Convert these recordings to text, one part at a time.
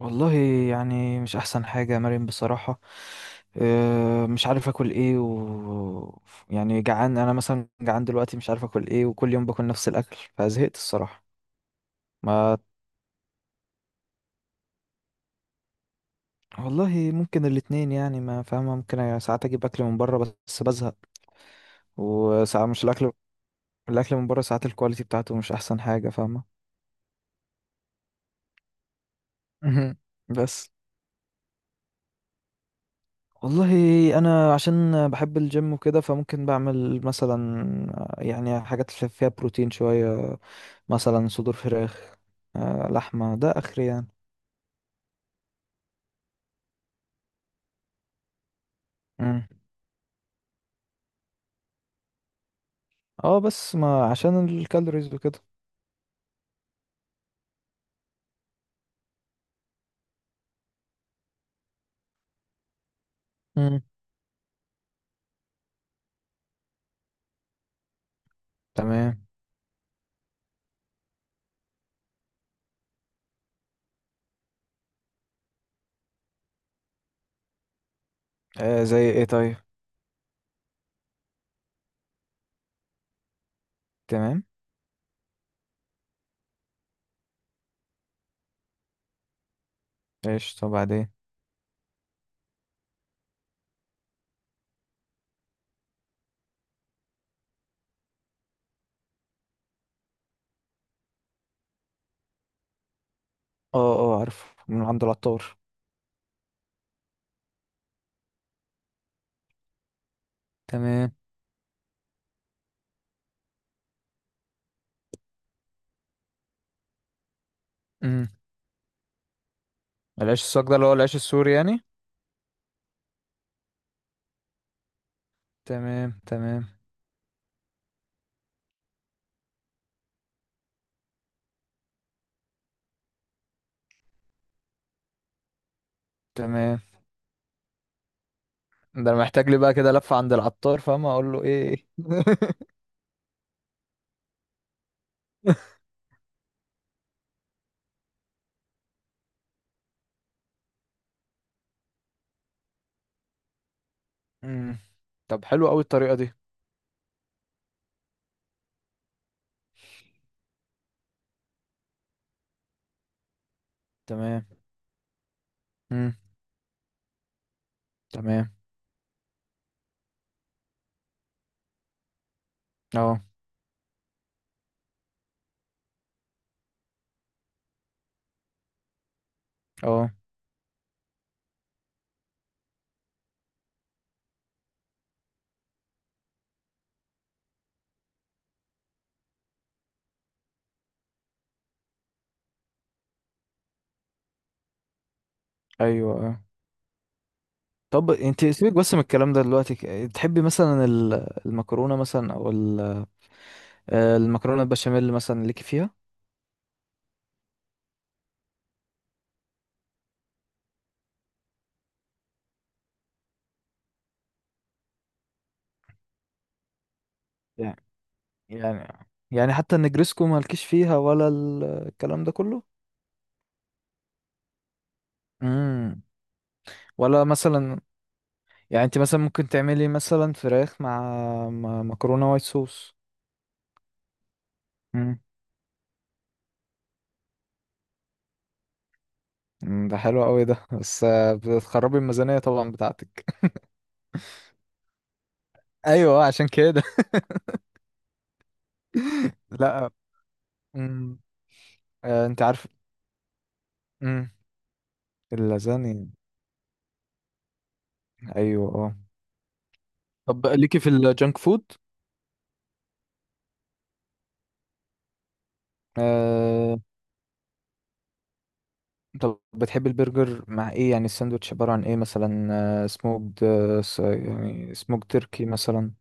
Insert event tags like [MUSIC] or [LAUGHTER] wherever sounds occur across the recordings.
والله، يعني مش احسن حاجة يا مريم بصراحة. مش عارف اكل ايه يعني جعان، انا مثلا جعان دلوقتي مش عارف اكل ايه وكل يوم باكل نفس الاكل فزهقت الصراحة. ما والله ممكن الاتنين، يعني ما فاهمة، ممكن ساعات اجيب اكل من بره بس بزهق. وساعات مش الاكل، الاكل من بره ساعات الكواليتي بتاعته مش احسن حاجة فاهمة. [LAUGHS] بس والله انا عشان بحب الجيم وكده فممكن بعمل مثلا يعني حاجات اللي فيها بروتين شوية، مثلا صدور فراخ، لحمة ده اخري يعني. مم. اه بس ما عشان الكالوريز وكده. مم. تمام. آه زي ايه طيب؟ تمام. ايش طب بعدين؟ اه اه عارف من عند العطار. تمام. مم. العيش الصاج ده اللي هو العيش السوري يعني؟ تمام تمام تمام. ده انا محتاج لي بقى كده لفة عند العطار فاهم اقول له ايه. [LAUGHS] امم، طب حلو قوي الطريقة دي. تمام. امم. تمام. اه اه. ايوه اه. طب انت سيبك بس من الكلام ده دلوقتي، تحبي مثلا المكرونة مثلا او المكرونة البشاميل مثلا ليكي فيها؟ يعني يعني يعني حتى النجريسكو مالكيش فيها ولا الكلام ده كله؟ امم. ولا مثلا، يعني انت مثلا ممكن تعملي مثلا فراخ مع مع مكرونة وايت صوص؟ امم. ده حلو قوي ده، بس بتخربي الميزانية طبعا بتاعتك. ايوه عشان كده. [LAUGHS] لا. امم. آه انت عارف. امم. اللازاني، ايوه اه. طب ليكي في الجانك فود؟ آه، طب بتحب البرجر مع ايه، يعني الساندوتش عبارة عن ايه مثلا؟ آه سموكد، يعني سموك تركي مثلا.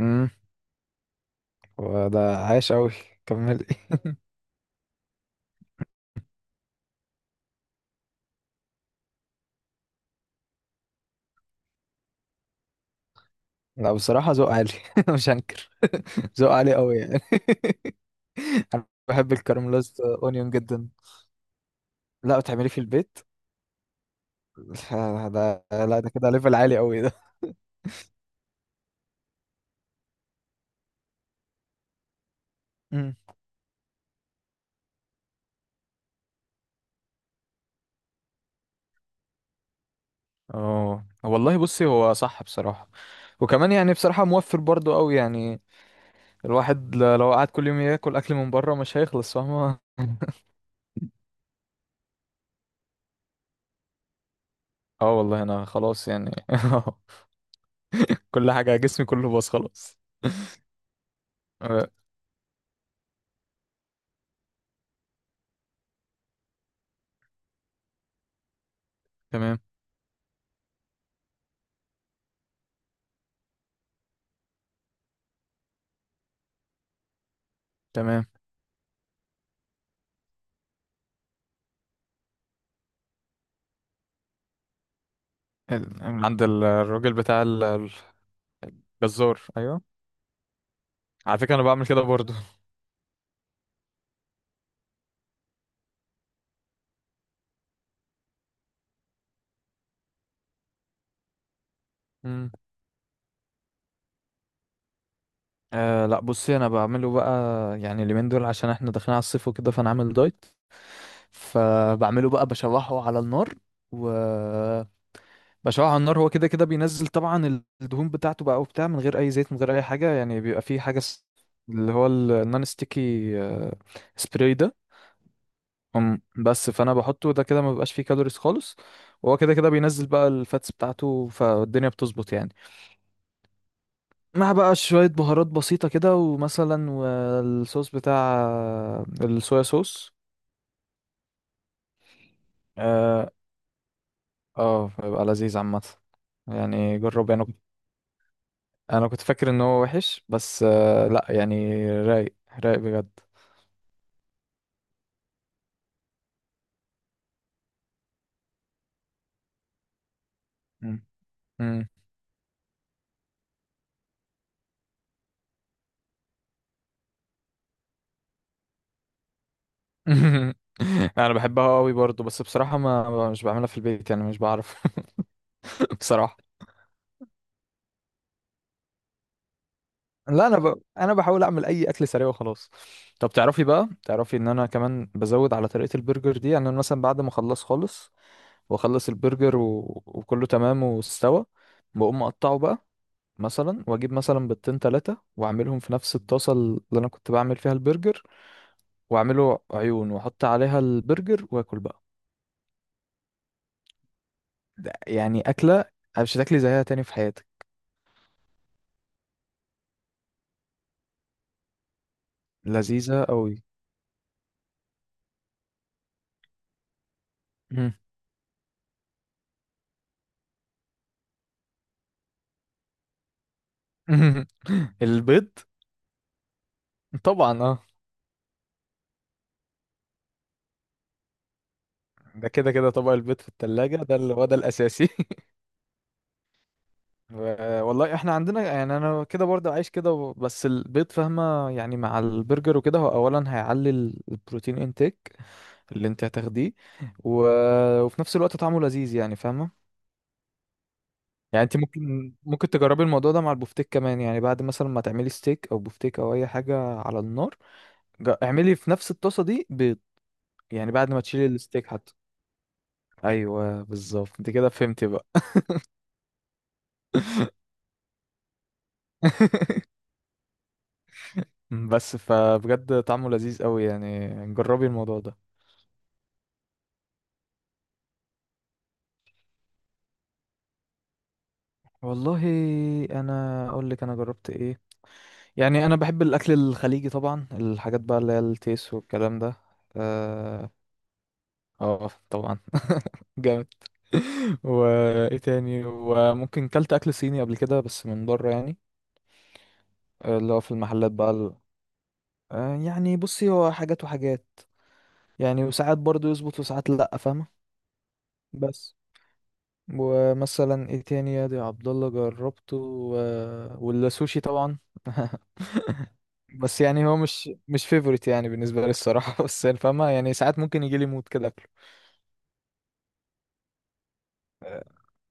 امم، وده عايش قوي. كملي. [LAUGHS] لا بصراحة ذوق عالي، [LAUGHS] مش هنكر، [LAUGHS] ذوق عالي قوي يعني. [LAUGHS] بحب الكارملايزد اونيون جدا. لا بتعمليه في البيت؟ [LAUGHS] ده لا ده كده ليفل عالي قوي ده. [LAUGHS] امم. اه والله بصي هو صح بصراحة. وكمان يعني بصراحة موفر برضو قوي يعني. الواحد لو قعد كل يوم ياكل اكل من بره مش هيخلص فاهمة. [LAUGHS] اه والله انا خلاص يعني، [LAUGHS] كل حاجة جسمي كله باظ خلاص. آه، تمام تمام. عند الراجل بتاع الجزار ايوه. على فكرة انا بعمل كده برضو. أه لا بصي انا بعمله بقى، يعني اليومين دول عشان احنا داخلين على الصيف وكده فانا عامل دايت. فبعمله بقى بشوحه على النار و بشوحه على النار. هو كده كده بينزل طبعا الدهون بتاعته بقى وبتاع، من غير اي زيت من غير اي حاجه يعني بيبقى فيه حاجه اللي هو النون ستيكي، آه، سبراي ده. بس فانا بحطه ده كده ما بيبقاش فيه كالوريز خالص. وهو كده كده بينزل بقى الفاتس بتاعته فالدنيا بتظبط يعني. مع بقى شوية بهارات بسيطة كده، ومثلا والصوص بتاع، الصويا صوص. اه بيبقى لذيذ عامة يعني، جرب يعني. انا كنت فاكر ان هو وحش، بس آه لا يعني رايق، رايق بجد. مم. مم. [LAUGHS] انا بحبها قوي برضو، بس بصراحة ما مش بعملها في البيت يعني مش بعرف. [LAUGHS] بصراحة لا انا انا بحاول اعمل اي اكل سريع وخلاص. طب تعرفي بقى تعرفي ان انا كمان بزود على طريقة البرجر دي، يعني أنا مثلا بعد ما اخلص خالص واخلص البرجر وكله تمام واستوى، بقوم اقطعه بقى مثلا، واجيب مثلا بيضتين تلاتة واعملهم في نفس الطاسة اللي انا كنت بعمل فيها البرجر، واعمله عيون واحط عليها البرجر واكل بقى. ده يعني اكلة مش هتاكلي زيها تاني في حياتك، لذيذة قوي. مم. [LAUGHS] البيض، طبعا اه. ده كده كده طبق البيض في التلاجة ده اللي هو ده الاساسي. [LAUGHS] والله احنا عندنا، يعني انا كده برضه عايش كده بس البيض فاهمه، يعني مع البرجر وكده هو اولا هيعلي البروتين انتيك اللي انت هتاخديه، و... وفي نفس الوقت طعمه لذيذ يعني فاهمه. يعني انت ممكن ممكن تجربي الموضوع ده مع البفتيك كمان، يعني بعد مثلا ما تعملي ستيك او بفتيك او اي حاجه على النار، اعملي في نفس الطاسه دي بيض، يعني بعد ما تشيلي الستيك حتى. ايوه بالظبط انت كده فهمتي بقى. [LAUGHS] بس فبجد طعمه لذيذ قوي يعني، جربي الموضوع ده. والله انا اقول لك انا جربت ايه. يعني انا بحب الاكل الخليجي طبعا، الحاجات بقى اللي هي التيس والكلام ده. اه طبعا. [LAUGHS] جامد. وايه تاني، وممكن كلت اكل صيني قبل كده بس من بره يعني، اللي هو في المحلات بقى يعني بصي هو حاجات وحاجات، يعني وساعات برضو يظبط وساعات لا فاهمه. بس ومثلا ايه تاني يا دي عبد الله جربته والسوشي طبعا. [LAUGHS] بس يعني هو مش فيفورت يعني بالنسبة لي الصراحة، [LAUGHS] بس يعني فاهمة يعني ساعات ممكن يجي لي مود كده أكله.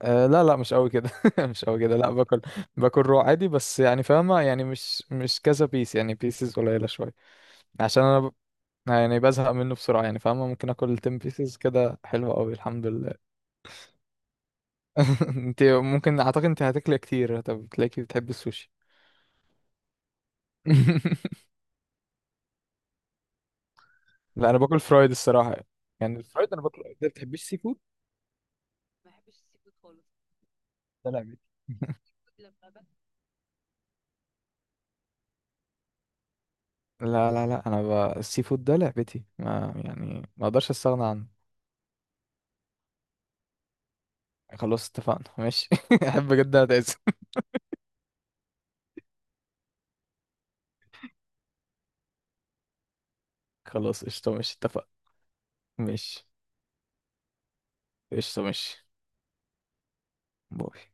أه لا لا مش قوي كده، [LAUGHS] مش قوي كده، لا باكل، باكل رو عادي، بس يعني فاهمة يعني مش كذا بيس، يعني بيسز قليلة شوية. عشان يعني بزهق منه بسرعة يعني فاهمة، ممكن آكل 10 بيسز كده حلوة قوي الحمد لله. [LAUGHS] انت ممكن أعتقد انت هتاكلي كتير، طب تلاقيكي بتحبي السوشي. [LAUGHS] لا أنا باكل فرايد الصراحة، يعني الفرايد أنا باكل. أنت بتحبيش سي فود؟ ده لعبتي. لا لا لا، السي فود ده لعبتي، ما يعني ما اقدرش استغنى عنه. خلاص اتفقنا ماشي، [LAUGHS] احب جدا اتعزم. [LAUGHS] خلاص قشطة ماشي اتفقنا. ماشي. قشطة ماشي. باي.